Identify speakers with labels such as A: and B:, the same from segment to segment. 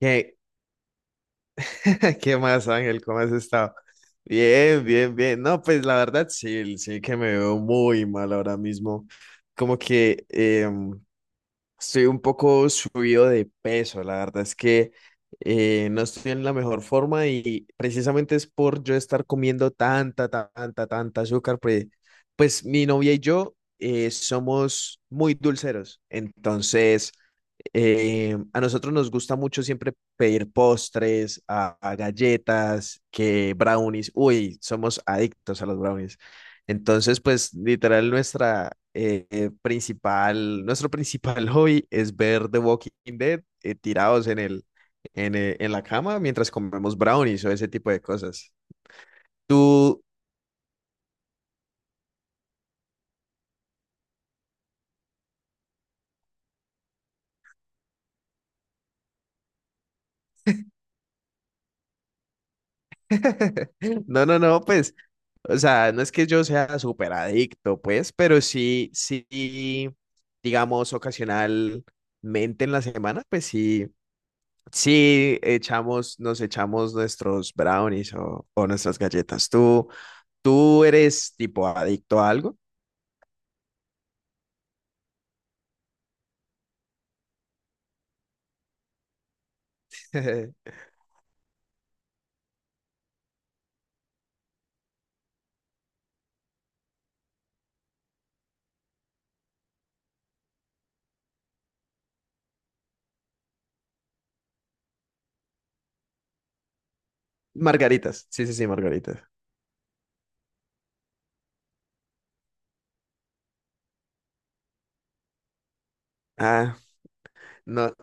A: ¿Qué, qué más, Ángel? ¿Cómo has estado? Bien, bien, bien. No, pues la verdad sí, sí que me veo muy mal ahora mismo. Como que estoy un poco subido de peso. La verdad es que no estoy en la mejor forma y precisamente es por yo estar comiendo tanta azúcar. Pues mi novia y yo somos muy dulceros. Entonces... a nosotros nos gusta mucho siempre pedir postres, a galletas, que brownies. Uy, somos adictos a los brownies. Entonces, pues literal nuestra principal, nuestro principal hobby es ver The Walking Dead tirados en la cama mientras comemos brownies o ese tipo de cosas. Tú, no, no, no, pues. O sea, no es que yo sea súper adicto, pues, pero sí, sí, digamos, ocasionalmente en la semana, pues sí, nos echamos nuestros brownies o nuestras galletas. ¿Tú, tú eres tipo adicto a algo? Margaritas, sí, sí, sí, margaritas. Ah, no.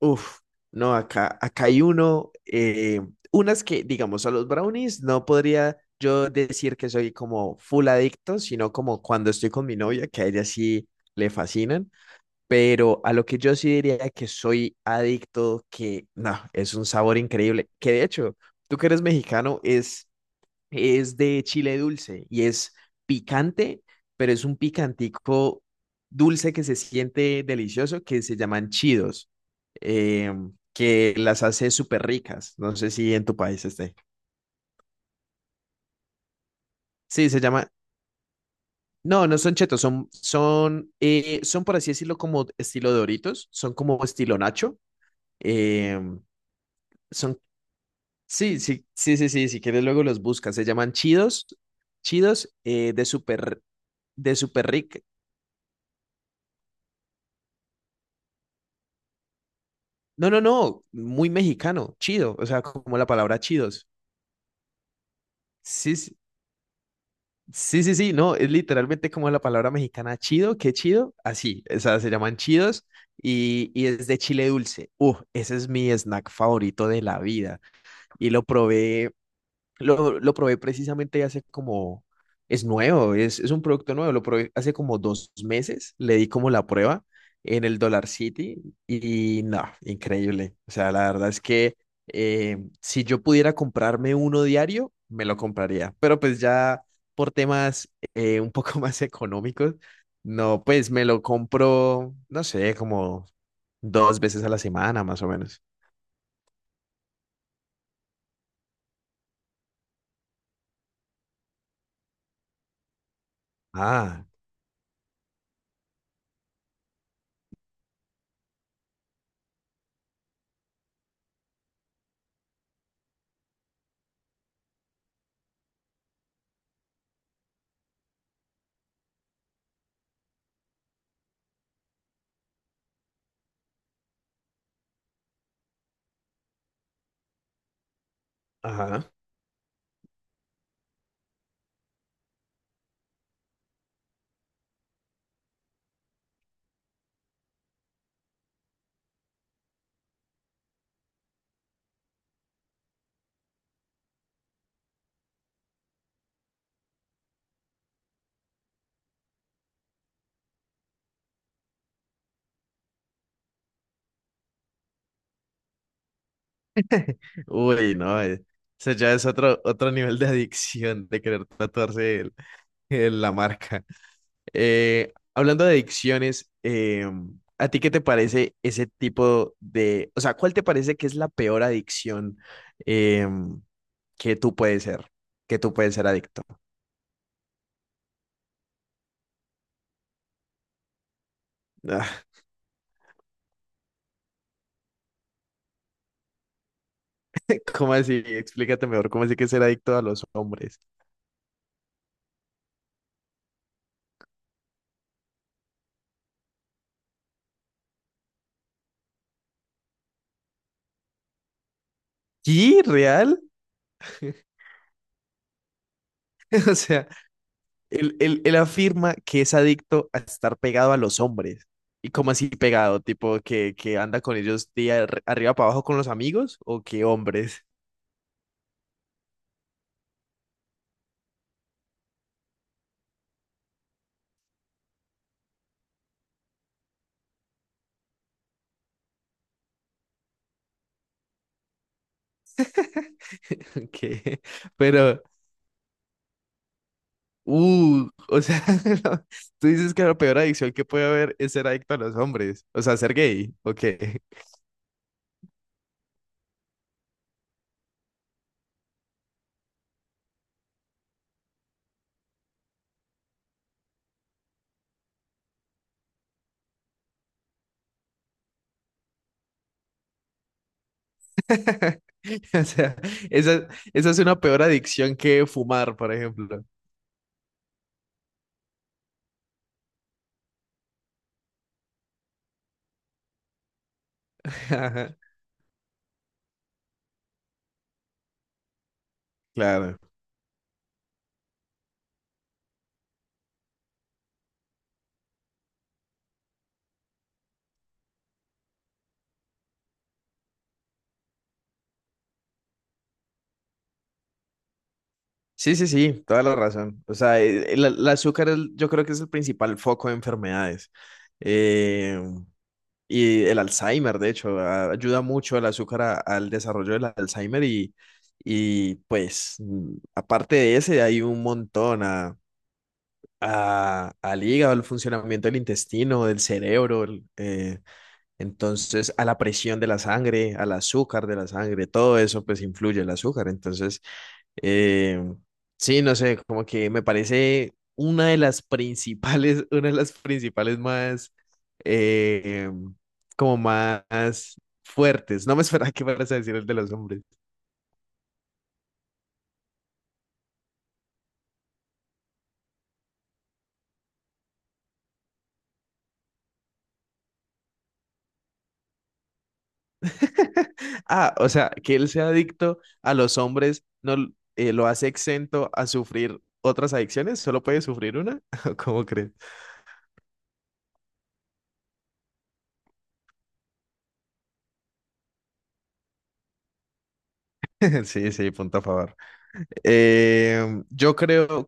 A: Uf, no, acá hay uno, unas que, digamos, a los brownies no podría yo decir que soy como full adicto, sino como cuando estoy con mi novia, que a ella sí le fascinan, pero a lo que yo sí diría que soy adicto, que no, es un sabor increíble, que de hecho, tú que eres mexicano, es de chile dulce y es picante, pero es un picantico dulce que se siente delicioso, que se llaman chidos, eh, que las hace súper ricas. No sé si en tu país esté. Sí, se llama... No, no son chetos, son por así decirlo como estilo Doritos, son como estilo Nacho. eh, son, sí, sí, sí, sí, sí, si quieres luego los buscas, se llaman chidos, chidos de súper, de super. No, no, no, muy mexicano, chido, o sea, como la palabra chidos. Sí, sí, sí, sí, sí, no, es literalmente como la palabra mexicana chido, qué chido, así, o sea, se llaman chidos y es de chile dulce. Ese es mi snack favorito de la vida y lo probé precisamente hace como, es nuevo, es un producto nuevo, lo probé hace como dos meses, le di como la prueba en el Dollar City y no, increíble. O sea, la verdad es que si yo pudiera comprarme uno diario, me lo compraría, pero pues ya por temas un poco más económicos, no, pues me lo compro, no sé, como dos veces a la semana más o menos. Ah, ajá. Uy, no, o sea, ya es otro, otro nivel de adicción de querer tatuarse la marca. Hablando de adicciones, ¿a ti qué te parece ese tipo de, o sea, cuál te parece que es la peor adicción eh, que tú puedes ser, que tú puedes ser adicto? Ah, ¿cómo así? Explícate mejor, ¿cómo así que ser adicto a los hombres? ¿Y real? O sea, él él afirma que es adicto a estar pegado a los hombres. ¿Y cómo así pegado? Tipo que anda con ellos día arriba para abajo con los amigos o qué hombres. que. Pero, o sea, no, tú dices que la peor adicción que puede haber es ser adicto a los hombres. O sea, ser gay. ¿O qué? O sea, esa, esa es una peor adicción que fumar, por ejemplo. Ajá, claro. Sí, sí, sí, toda la razón. O sea, el el azúcar es, yo creo que es el principal foco de enfermedades. Eh, y el Alzheimer, de hecho, ayuda mucho el azúcar al desarrollo del Alzheimer y pues aparte de ese hay un montón a, al hígado, al funcionamiento del intestino, del cerebro, entonces a la presión de la sangre, al azúcar de la sangre, todo eso pues influye el azúcar. Entonces... Eh, sí, no sé, como que me parece una de las principales, una de las principales más, eh, como más fuertes. No me esperaba que fueras a decir el de los hombres. Ah, o sea, que él sea adicto a los hombres no lo hace exento a sufrir otras adicciones, solo puede sufrir una. ¿Cómo crees? Sí, sí, punto a favor. Yo creo,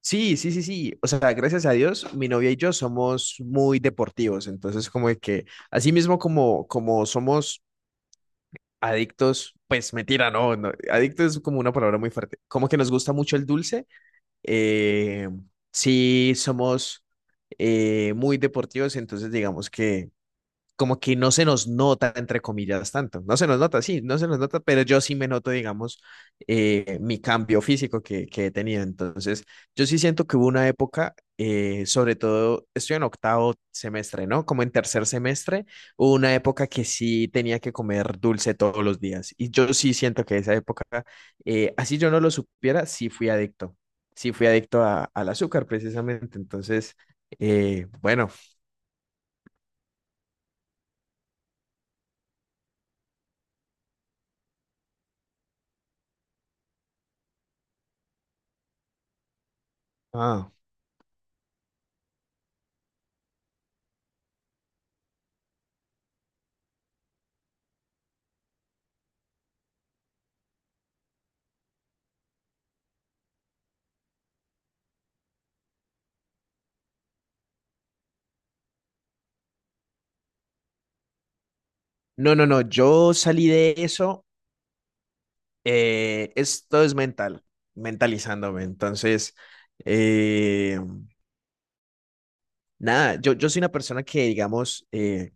A: sí, sí, sí, sí. O sea, gracias a Dios, mi novia y yo somos muy deportivos. Entonces, como de que, así mismo como, como somos adictos, pues mentira, no, no, adicto es como una palabra muy fuerte. Como que nos gusta mucho el dulce. eh, sí, somos muy deportivos. Entonces, digamos que como que no se nos nota, entre comillas, tanto. No se nos nota, sí, no se nos nota, pero yo sí me noto, digamos, mi cambio físico que he tenido. Entonces, yo sí siento que hubo una época, sobre todo, estoy en octavo semestre, ¿no? Como en tercer semestre, hubo una época que sí tenía que comer dulce todos los días. Y yo sí siento que esa época, así yo no lo supiera, sí fui adicto. Sí fui adicto al azúcar, precisamente. Entonces, bueno, ah, no, no, no, yo salí de eso, esto es mental, mentalizándome. Entonces, eh, nada, yo soy una persona que, digamos,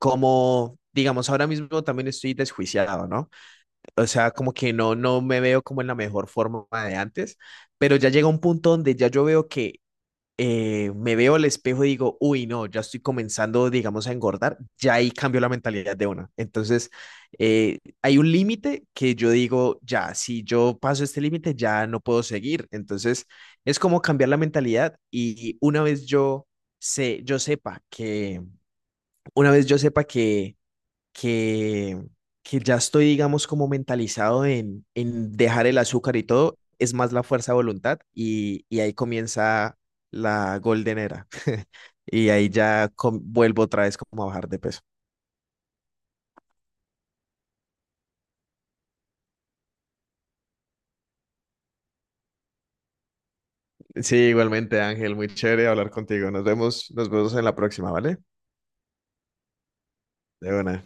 A: como, digamos, ahora mismo también estoy desjuiciado, ¿no? O sea, como que no, no me veo como en la mejor forma de antes, pero ya llega un punto donde ya yo veo que me veo al espejo y digo, uy, no, ya estoy comenzando, digamos, a engordar, ya ahí cambio la mentalidad de una. Entonces, hay un límite que yo digo, ya, si yo paso este límite, ya no puedo seguir. Entonces, es como cambiar la mentalidad y una vez yo, yo sepa que, una vez yo sepa que, que ya estoy, digamos, como mentalizado en dejar el azúcar y todo, es más la fuerza de voluntad y ahí comienza la golden era. Y ahí ya vuelvo otra vez como a bajar de peso. Sí, igualmente, Ángel, muy chévere hablar contigo. Nos vemos en la próxima, ¿vale? De una.